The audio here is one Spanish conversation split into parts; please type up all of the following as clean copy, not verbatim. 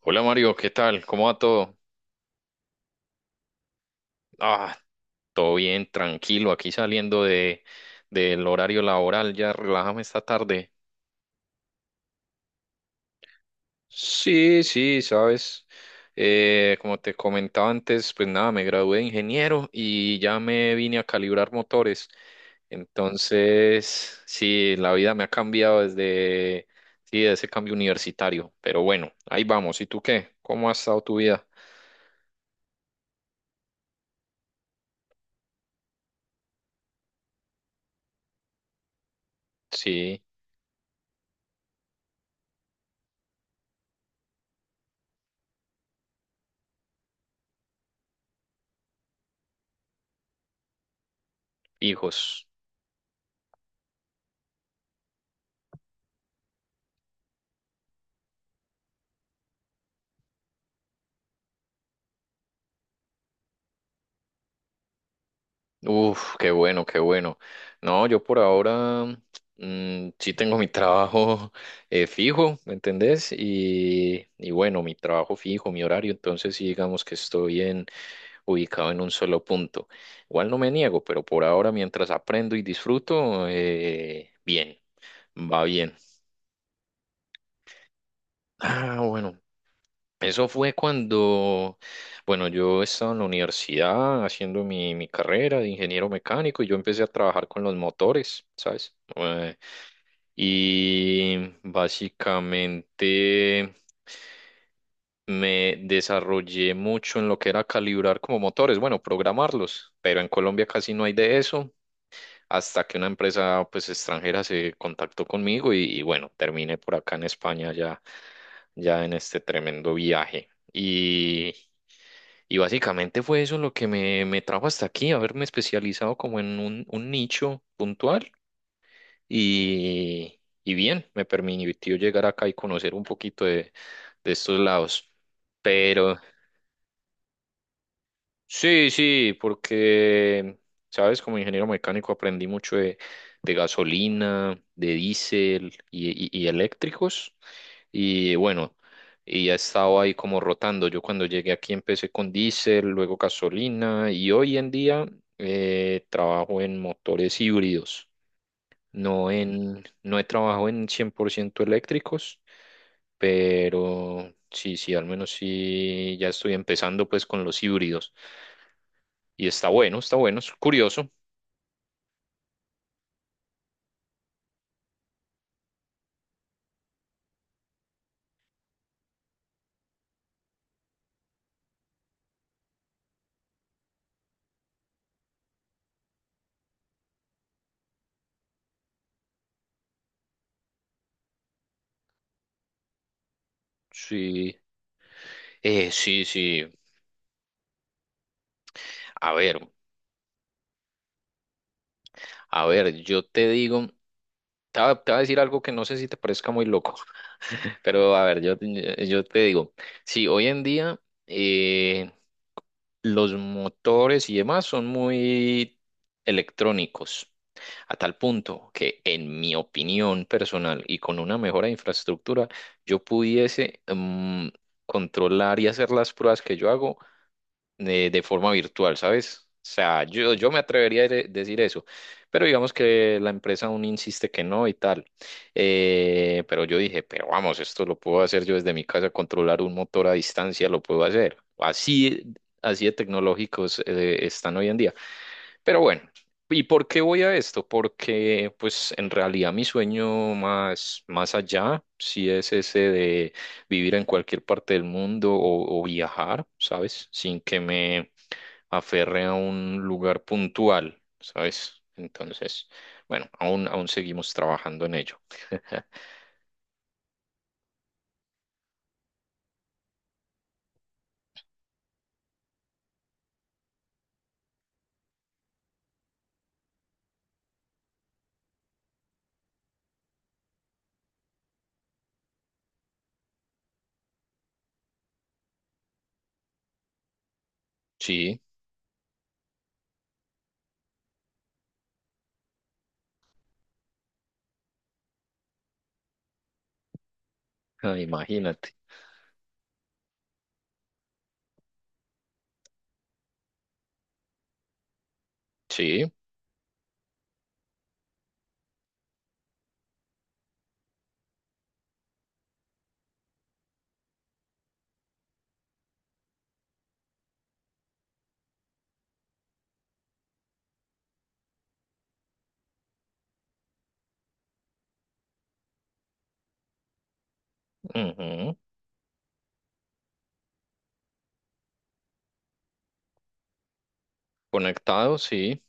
Hola Mario, ¿qué tal? ¿Cómo va todo? Ah, todo bien, tranquilo, aquí saliendo de del horario laboral, ya relájame esta tarde. Sí, sí, sabes, como te comentaba antes, pues nada, me gradué de ingeniero y ya me vine a calibrar motores. Entonces, sí, la vida me ha cambiado desde, sí, de ese cambio universitario, pero bueno, ahí vamos. ¿Y tú qué? ¿Cómo ha estado tu vida? Sí, hijos. Uf, qué bueno, qué bueno. No, yo por ahora sí tengo mi trabajo fijo, ¿me entendés? Y bueno, mi trabajo fijo, mi horario, entonces sí digamos que estoy en, ubicado en un solo punto. Igual no me niego, pero por ahora mientras aprendo y disfruto, bien, va bien. Ah, bueno, eso fue cuando, bueno, yo estaba en la universidad haciendo mi carrera de ingeniero mecánico y yo empecé a trabajar con los motores, ¿sabes? Y básicamente me desarrollé mucho en lo que era calibrar como motores, bueno, programarlos, pero en Colombia casi no hay de eso, hasta que una empresa pues extranjera se contactó conmigo y bueno, terminé por acá en España ya en este tremendo viaje. Y básicamente fue eso lo que me trajo hasta aquí, haberme especializado como en un nicho puntual y bien, me permitió llegar acá y conocer un poquito de estos lados. Pero sí, sí, porque, sabes, como ingeniero mecánico aprendí mucho de gasolina, de diésel y eléctricos. Y bueno, y he estado ahí como rotando. Yo cuando llegué aquí empecé con diésel, luego gasolina y hoy en día trabajo en motores híbridos. No en, no he trabajado en 100% eléctricos, pero sí, sí, al menos sí, ya estoy empezando pues con los híbridos. Y está bueno, es curioso. Sí, sí, sí. A ver, a ver, yo te digo, te voy a decir algo que no sé si te parezca muy loco, pero a ver, yo te digo, sí, hoy en día eh, los motores y demás son muy electrónicos, a tal punto que en mi opinión personal y con una mejora de infraestructura, yo pudiese mm, controlar y hacer las pruebas que yo hago de forma virtual, ¿sabes? O sea, yo me atrevería a decir eso, pero digamos que la empresa aún insiste que no y tal. Pero yo dije, pero vamos, esto lo puedo hacer yo desde mi casa, controlar un motor a distancia, lo puedo hacer. Así, así de tecnológicos están hoy en día. Pero bueno, ¿y por qué voy a esto? Porque pues en realidad mi sueño más, más allá, sí es ese de vivir en cualquier parte del mundo o viajar, ¿sabes? Sin que me aferre a un lugar puntual, ¿sabes? Entonces, bueno, aún, aún seguimos trabajando en ello. Sí, ah, imagínate. Sí, ujú. Conectado, sí,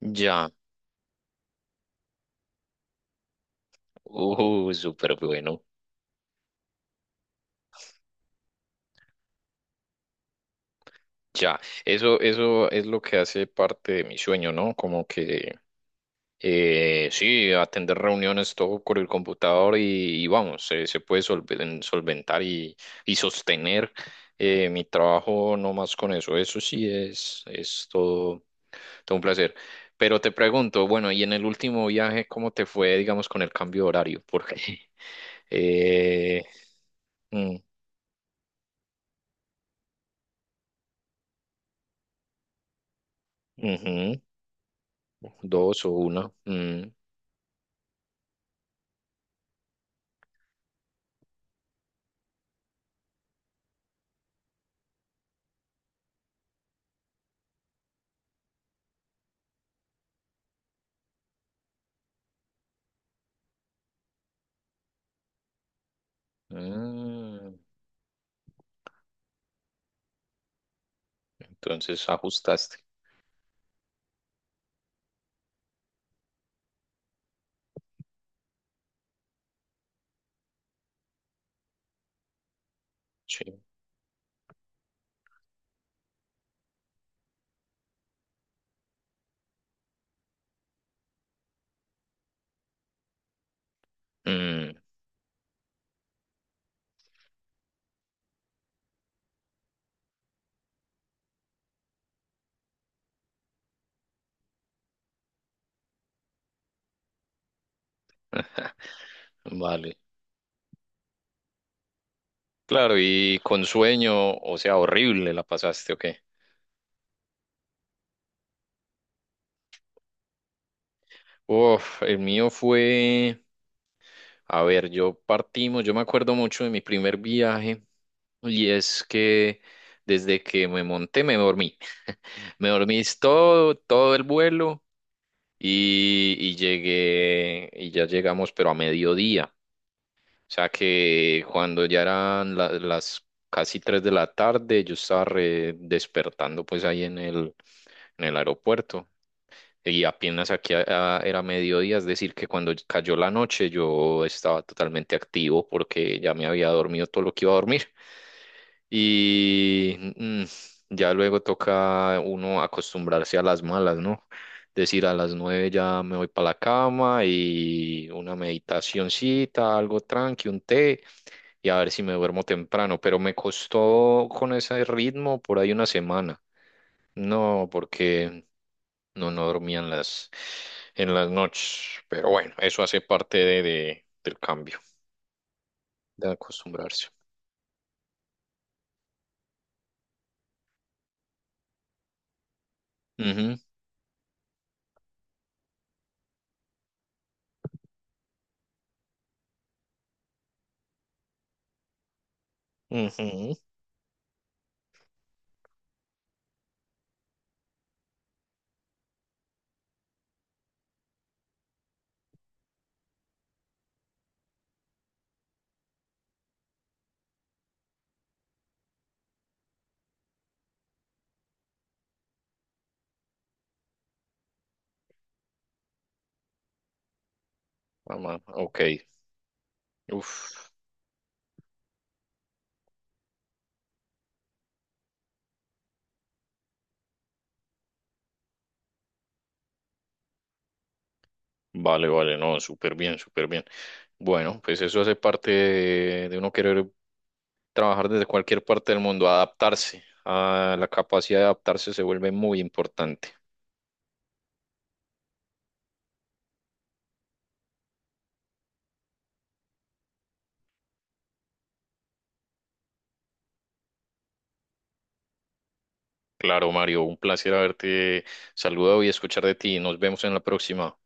ya. Súper bueno. Ya, eso es lo que hace parte de mi sueño, ¿no? Como que sí, atender reuniones todo por el computador y vamos, se puede solventar y sostener mi trabajo no más con eso. Eso sí es todo, todo un placer. Pero te pregunto, bueno, y en el último viaje, ¿cómo te fue, digamos, con el cambio de horario? Porque eh, mm, ujú, dos o una. Mm, mm, entonces ajustaste. Sí. Mm, vale. Claro, y con sueño, o sea, horrible la pasaste, ¿o qué? Uf, el mío fue, a ver, yo me acuerdo mucho de mi primer viaje y es que desde que me monté me dormí, me dormí es todo, todo el vuelo y llegué, y ya llegamos, pero a mediodía, o sea que cuando ya eran las casi 3 de la tarde, yo estaba despertando pues ahí en el aeropuerto. Y apenas aquí era mediodía, es decir, que cuando cayó la noche yo estaba totalmente activo porque ya me había dormido todo lo que iba a dormir. Y ya luego toca uno acostumbrarse a las malas, ¿no? Decir a las 9 ya me voy para la cama y una meditacioncita, algo tranqui, un té y a ver si me duermo temprano. Pero me costó con ese ritmo por ahí una semana. No, porque no dormía en las noches. Pero bueno, eso hace parte de, del cambio, de acostumbrarse. Ujú, ujú, Mamá, ok. Uf, vale, vale, no, súper bien, súper bien. Bueno, pues eso hace parte de uno querer trabajar desde cualquier parte del mundo, adaptarse. A la capacidad de adaptarse se vuelve muy importante. Claro, Mario, un placer haberte saludado y escuchar de ti. Nos vemos en la próxima.